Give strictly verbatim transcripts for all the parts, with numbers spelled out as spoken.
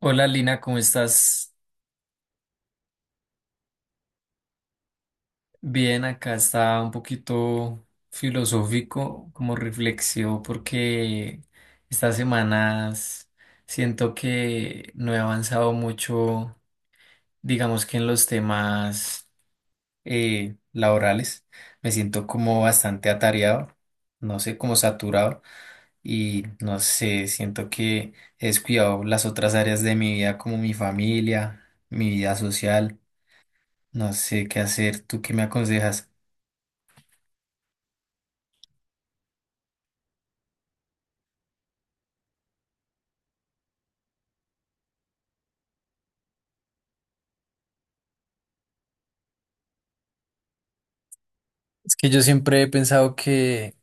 Hola Lina, ¿cómo estás? Bien, acá está un poquito filosófico, como reflexivo, porque estas semanas siento que no he avanzado mucho, digamos que en los temas eh, laborales. Me siento como bastante atareado, no sé, como saturado y no sé, siento que he descuidado las otras áreas de mi vida, como mi familia, mi vida social. No sé qué hacer. ¿Tú qué me aconsejas? Es que yo siempre he pensado que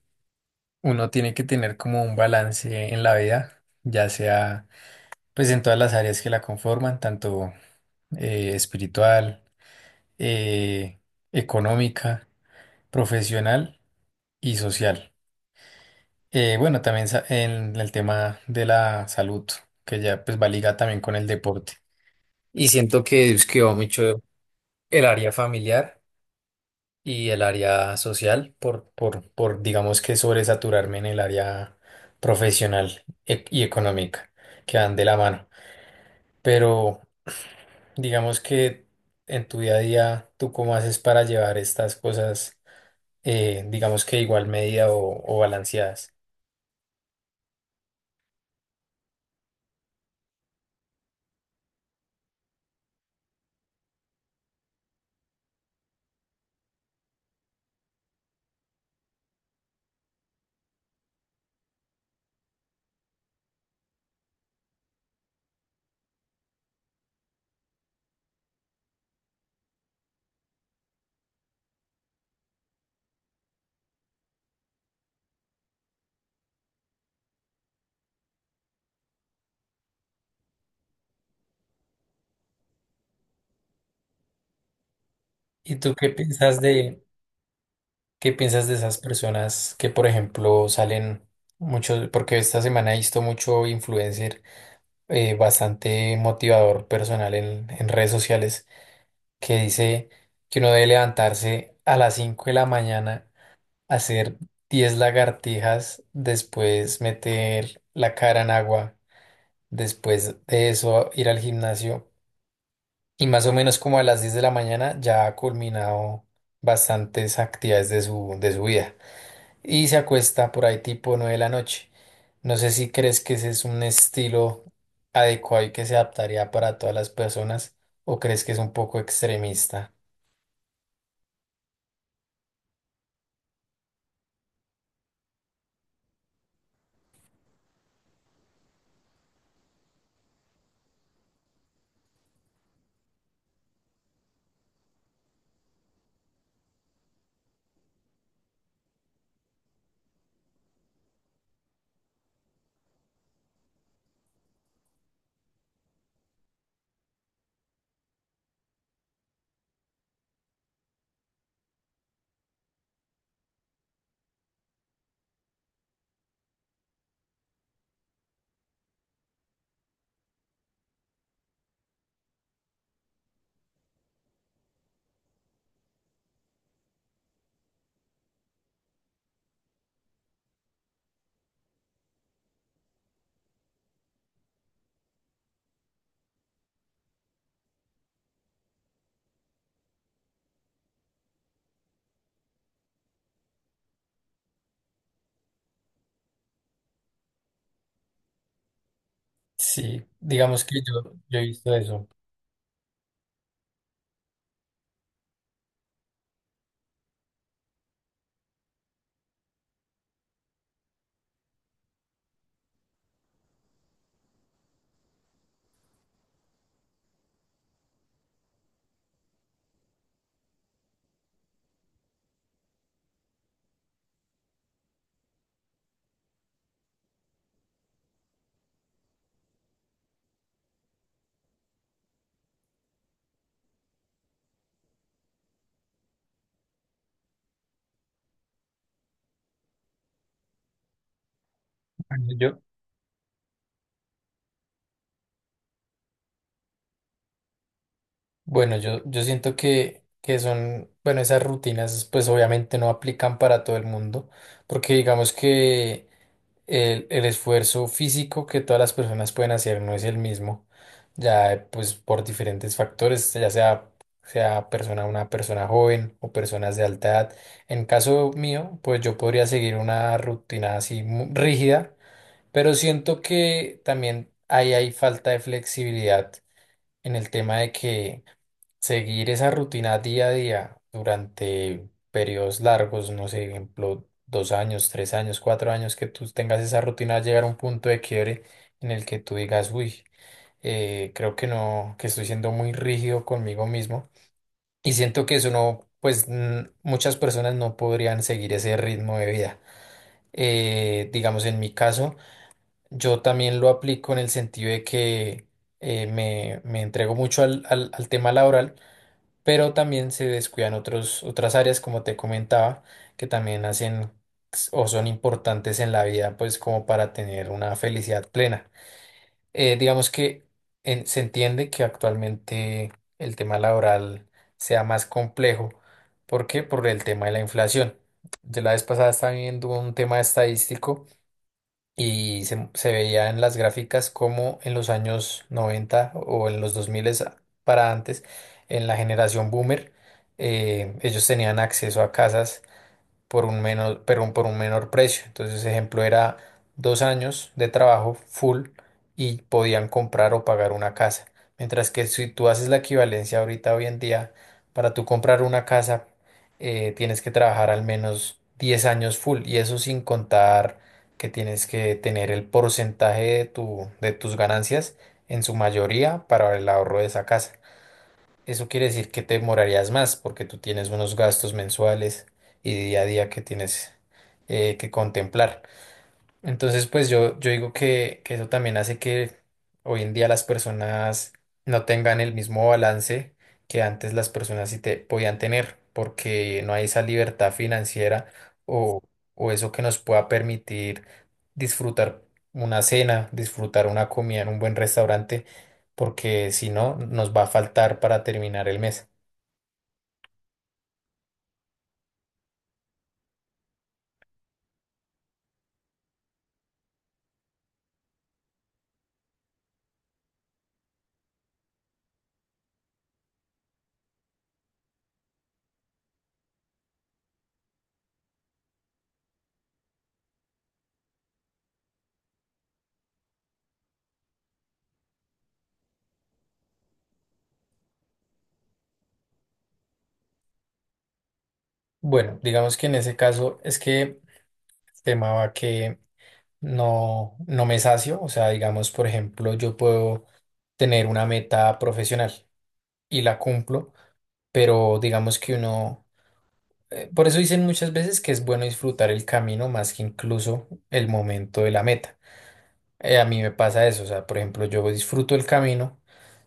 uno tiene que tener como un balance en la vida, ya sea pues en todas las áreas que la conforman, tanto eh, espiritual, eh, económica, profesional y social. Eh, bueno, también sa- en el tema de la salud, que ya pues va ligada también con el deporte. Y siento que es que va mucho el área familiar y el área social por, por, por digamos que sobresaturarme en el área profesional e- y económica, que van de la mano. Pero digamos que en tu día a día, ¿tú cómo haces para llevar estas cosas, eh, digamos que igual medida o, o balanceadas? ¿Y tú qué piensas de, qué piensas de esas personas que, por ejemplo, salen mucho, porque esta semana he visto mucho influencer eh, bastante motivador personal en, en redes sociales que dice que uno debe levantarse a las cinco de la mañana, hacer diez lagartijas, después meter la cara en agua, después de eso ir al gimnasio y más o menos como a las diez de la mañana ya ha culminado bastantes actividades de su, de su vida y se acuesta por ahí tipo nueve de la noche. No sé si crees que ese es un estilo adecuado y que se adaptaría para todas las personas o crees que es un poco extremista. Sí, digamos que yo, yo he visto eso. Bueno, Yo, bueno, yo, yo siento que, que son, bueno, esas rutinas pues obviamente no aplican para todo el mundo, porque digamos que el, el esfuerzo físico que todas las personas pueden hacer no es el mismo, ya pues por diferentes factores, ya sea, sea persona, una persona joven o personas de alta edad. En caso mío, pues yo podría seguir una rutina así mu- rígida. Pero siento que también ahí hay falta de flexibilidad en el tema de que seguir esa rutina día a día durante periodos largos, no sé, ejemplo, dos años, tres años, cuatro años, que tú tengas esa rutina, llegar a un punto de quiebre en el que tú digas, uy, eh, creo que no, que estoy siendo muy rígido conmigo mismo. Y siento que eso no, pues mm, muchas personas no podrían seguir ese ritmo de vida. Eh, digamos, en mi caso. Yo también lo aplico en el sentido de que eh, me, me entrego mucho al, al- al tema laboral, pero también se descuidan otros, otras áreas, como te comentaba, que también hacen s- o son importantes en la vida, pues como para tener una felicidad plena. Eh, digamos que en- se entiende que actualmente el tema laboral sea más complejo. ¿Por qué? Por el tema de la inflación. De la vez pasada estaba viendo un tema estadístico y se, se veía en las gráficas como en los años noventa o en los dos mil para antes, en la generación boomer, eh, ellos tenían acceso a casas por un menor, pero un por un menor precio. Entonces, ejemplo, era dos años de trabajo full y podían comprar o pagar una casa. Mientras que si tú haces la equivalencia ahorita, hoy en día, para tú comprar una casa, eh, tienes que trabajar al menos diez años full y eso sin contar que tienes que tener el porcentaje de tu, de tus ganancias en su mayoría para el ahorro de esa casa. Eso quiere decir que te demorarías más porque tú tienes unos gastos mensuales y día a día que tienes eh, que contemplar. Entonces, pues yo, yo digo que, que eso también hace que hoy en día las personas no tengan el mismo balance que antes las personas sí te podían tener, porque no hay esa libertad financiera o, o eso que nos pueda permitir disfrutar una cena, disfrutar una comida en un buen restaurante, porque si no, nos va a faltar para terminar el mes. Bueno, digamos que en ese caso es que el tema va que no, no me sacio. O sea, digamos, por ejemplo, yo puedo tener una meta profesional y la cumplo, pero digamos que uno, eh, por eso dicen muchas veces que es bueno disfrutar el camino más que incluso el momento de la meta. Eh, a mí me pasa eso, o sea, por ejemplo, yo disfruto el camino,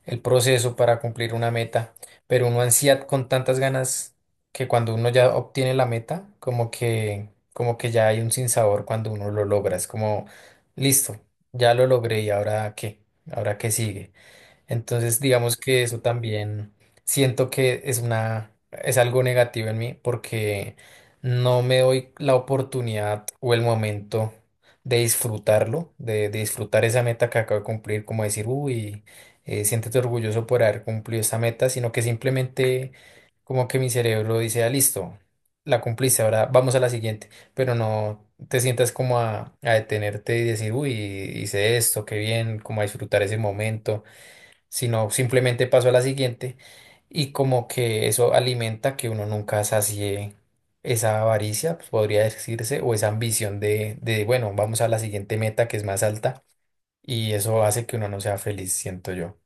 el proceso para cumplir una meta, pero uno ansía con tantas ganas que cuando uno ya obtiene la meta, como que, como que ya hay un sinsabor cuando uno lo logra, es como, listo, ya lo logré y ahora qué, ahora qué sigue. Entonces, digamos que eso también siento que es una, es algo negativo en mí porque no me doy la oportunidad o el momento de disfrutarlo, de, de disfrutar esa meta que acabo de cumplir, como decir, uy, eh, siéntete orgulloso por haber cumplido esa meta, sino que simplemente como que mi cerebro dice, ah, listo, la cumpliste, ahora vamos a la siguiente, pero no te sientas como a, a detenerte y decir, uy, hice esto, qué bien, como a disfrutar ese momento sino simplemente paso a la siguiente y como que eso alimenta que uno nunca sacie esa avaricia, pues, podría decirse, o esa ambición de, de, bueno, vamos a la siguiente meta que es más alta y eso hace que uno no sea feliz, siento yo.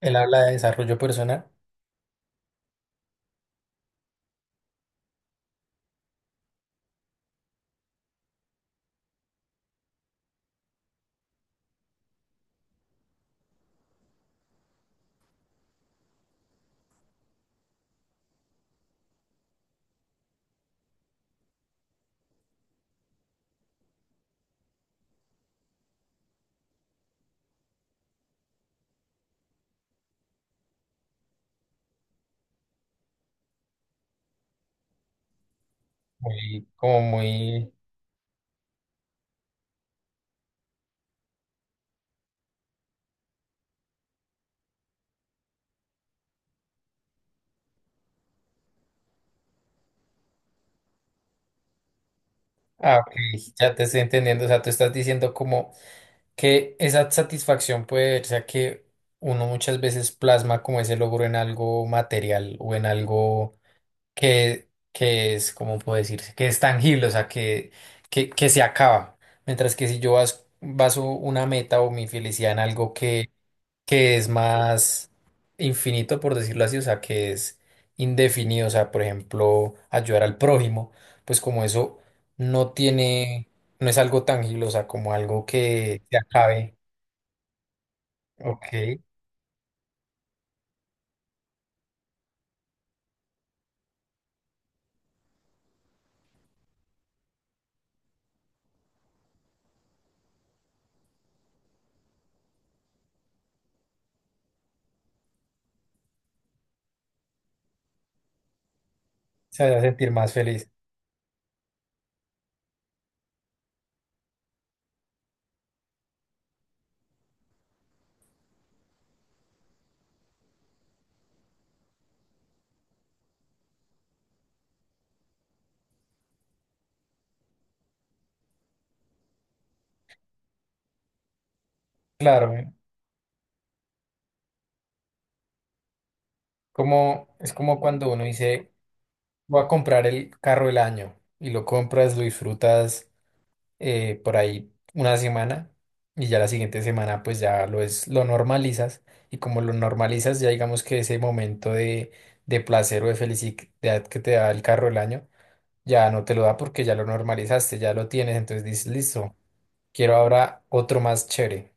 Él habla de desarrollo personal, muy, como muy. Ah, ok, ya te estoy entendiendo, o sea, tú estás diciendo como que esa satisfacción puede verse a que uno muchas veces plasma como ese logro en algo material o en algo que, que es, ¿cómo puedo decirse? Que es tangible, o sea, que, que, que se acaba. Mientras que si yo bas- baso una meta o mi felicidad en algo que, que es más infinito, por decirlo así, o sea, que es indefinido, o sea, por ejemplo, ayudar al prójimo, pues como eso no tiene, no es algo tangible, o sea, como algo que se acabe. Ok, se hace sentir más feliz. Claro, ¿eh? como, es como cuando uno dice, voy a comprar el carro del año y lo compras, lo disfrutas eh, por ahí una semana y ya la siguiente semana pues ya lo es, lo normalizas y como lo normalizas ya digamos que ese momento de, de placer o de felicidad que te da el carro del año ya no te lo da porque ya lo normalizaste, ya lo tienes, entonces dices, listo, quiero ahora otro más chévere.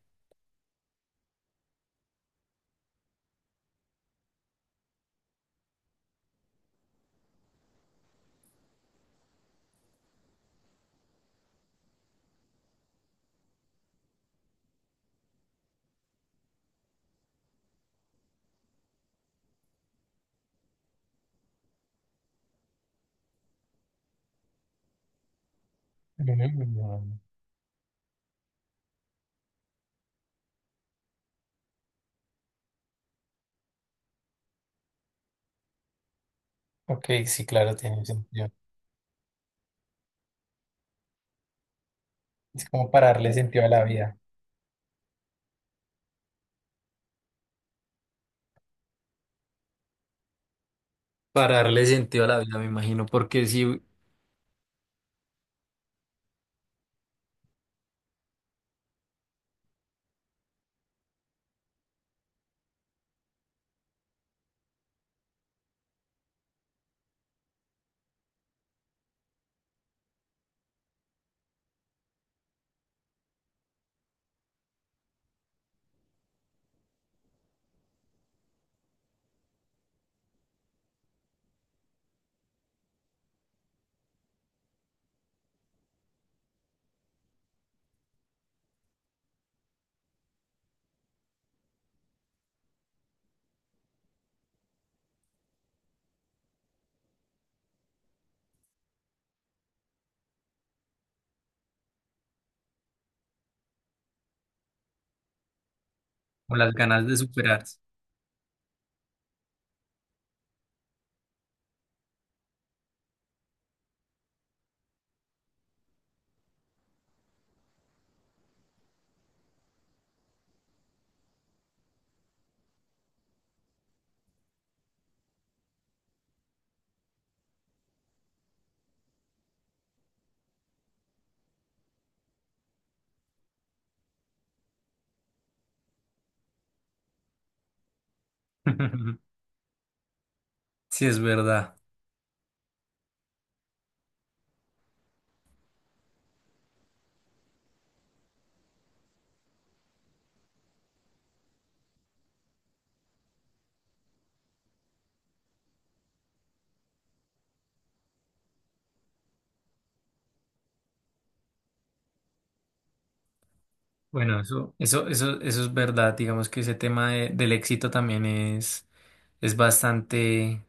Mm, Ok, sí, claro, tiene sentido. Es como para darle sentido a la vida. Para darle sentido a la vida, me imagino, porque sí, con las ganas de superarse. Sí, es verdad. Bueno, eso, eso, eso, eso es verdad. Digamos que ese tema de- del éxito también es, es bastante.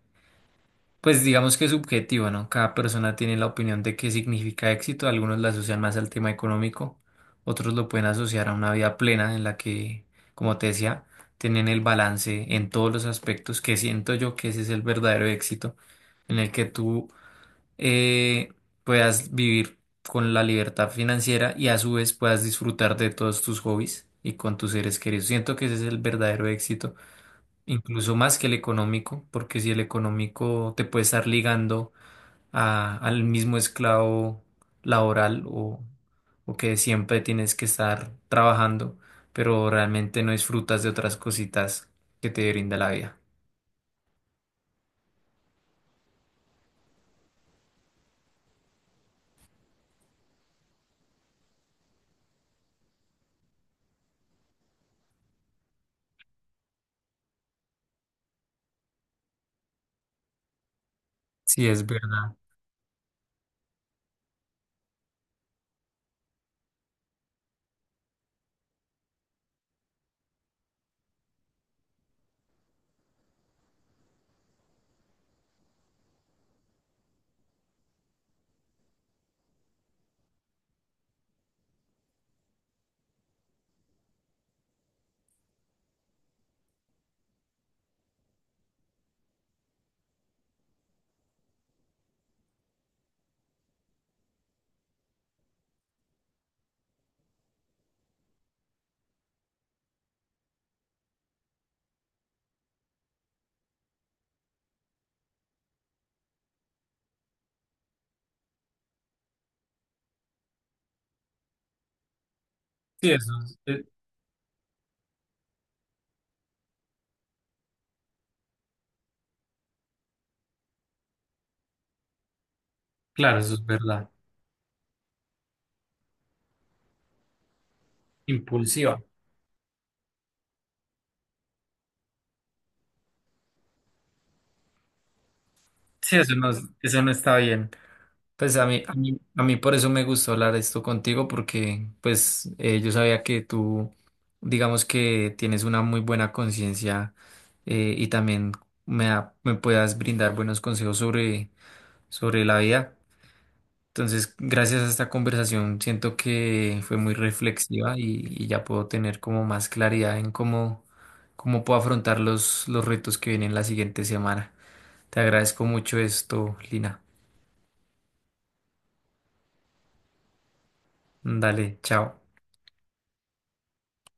Pues digamos que es subjetivo, ¿no? Cada persona tiene la opinión de qué significa éxito. Algunos la asocian más al tema económico, otros lo pueden asociar a una vida plena en la que, como te decía, tienen el balance en todos los aspectos, que siento yo que ese es el verdadero éxito, en el que tú eh, puedas vivir con la libertad financiera y a su vez puedas disfrutar de todos tus hobbies y con tus seres queridos. Siento que ese es el verdadero éxito incluso más que el económico, porque si el económico te puede estar ligando a- al mismo esclavo laboral o, o que siempre tienes que estar trabajando, pero realmente no disfrutas de otras cositas que te brinda la vida. Sí, es verdad. Sí, eso es, eh, claro, eso es verdad. Impulsiva. Sí, eso no, es- eso no está bien. Pues a mí, a mí, a mí por eso me gustó hablar esto contigo, porque pues eh, yo sabía que tú, digamos que tienes una muy buena conciencia eh, y también me, da- me puedas brindar buenos consejos sobre, sobre la vida. Entonces, gracias a esta conversación, siento que fue muy reflexiva y, y ya puedo tener como más claridad en cómo, cómo puedo afrontar los, los retos que vienen la siguiente semana. Te agradezco mucho esto, Lina. Dale, chao.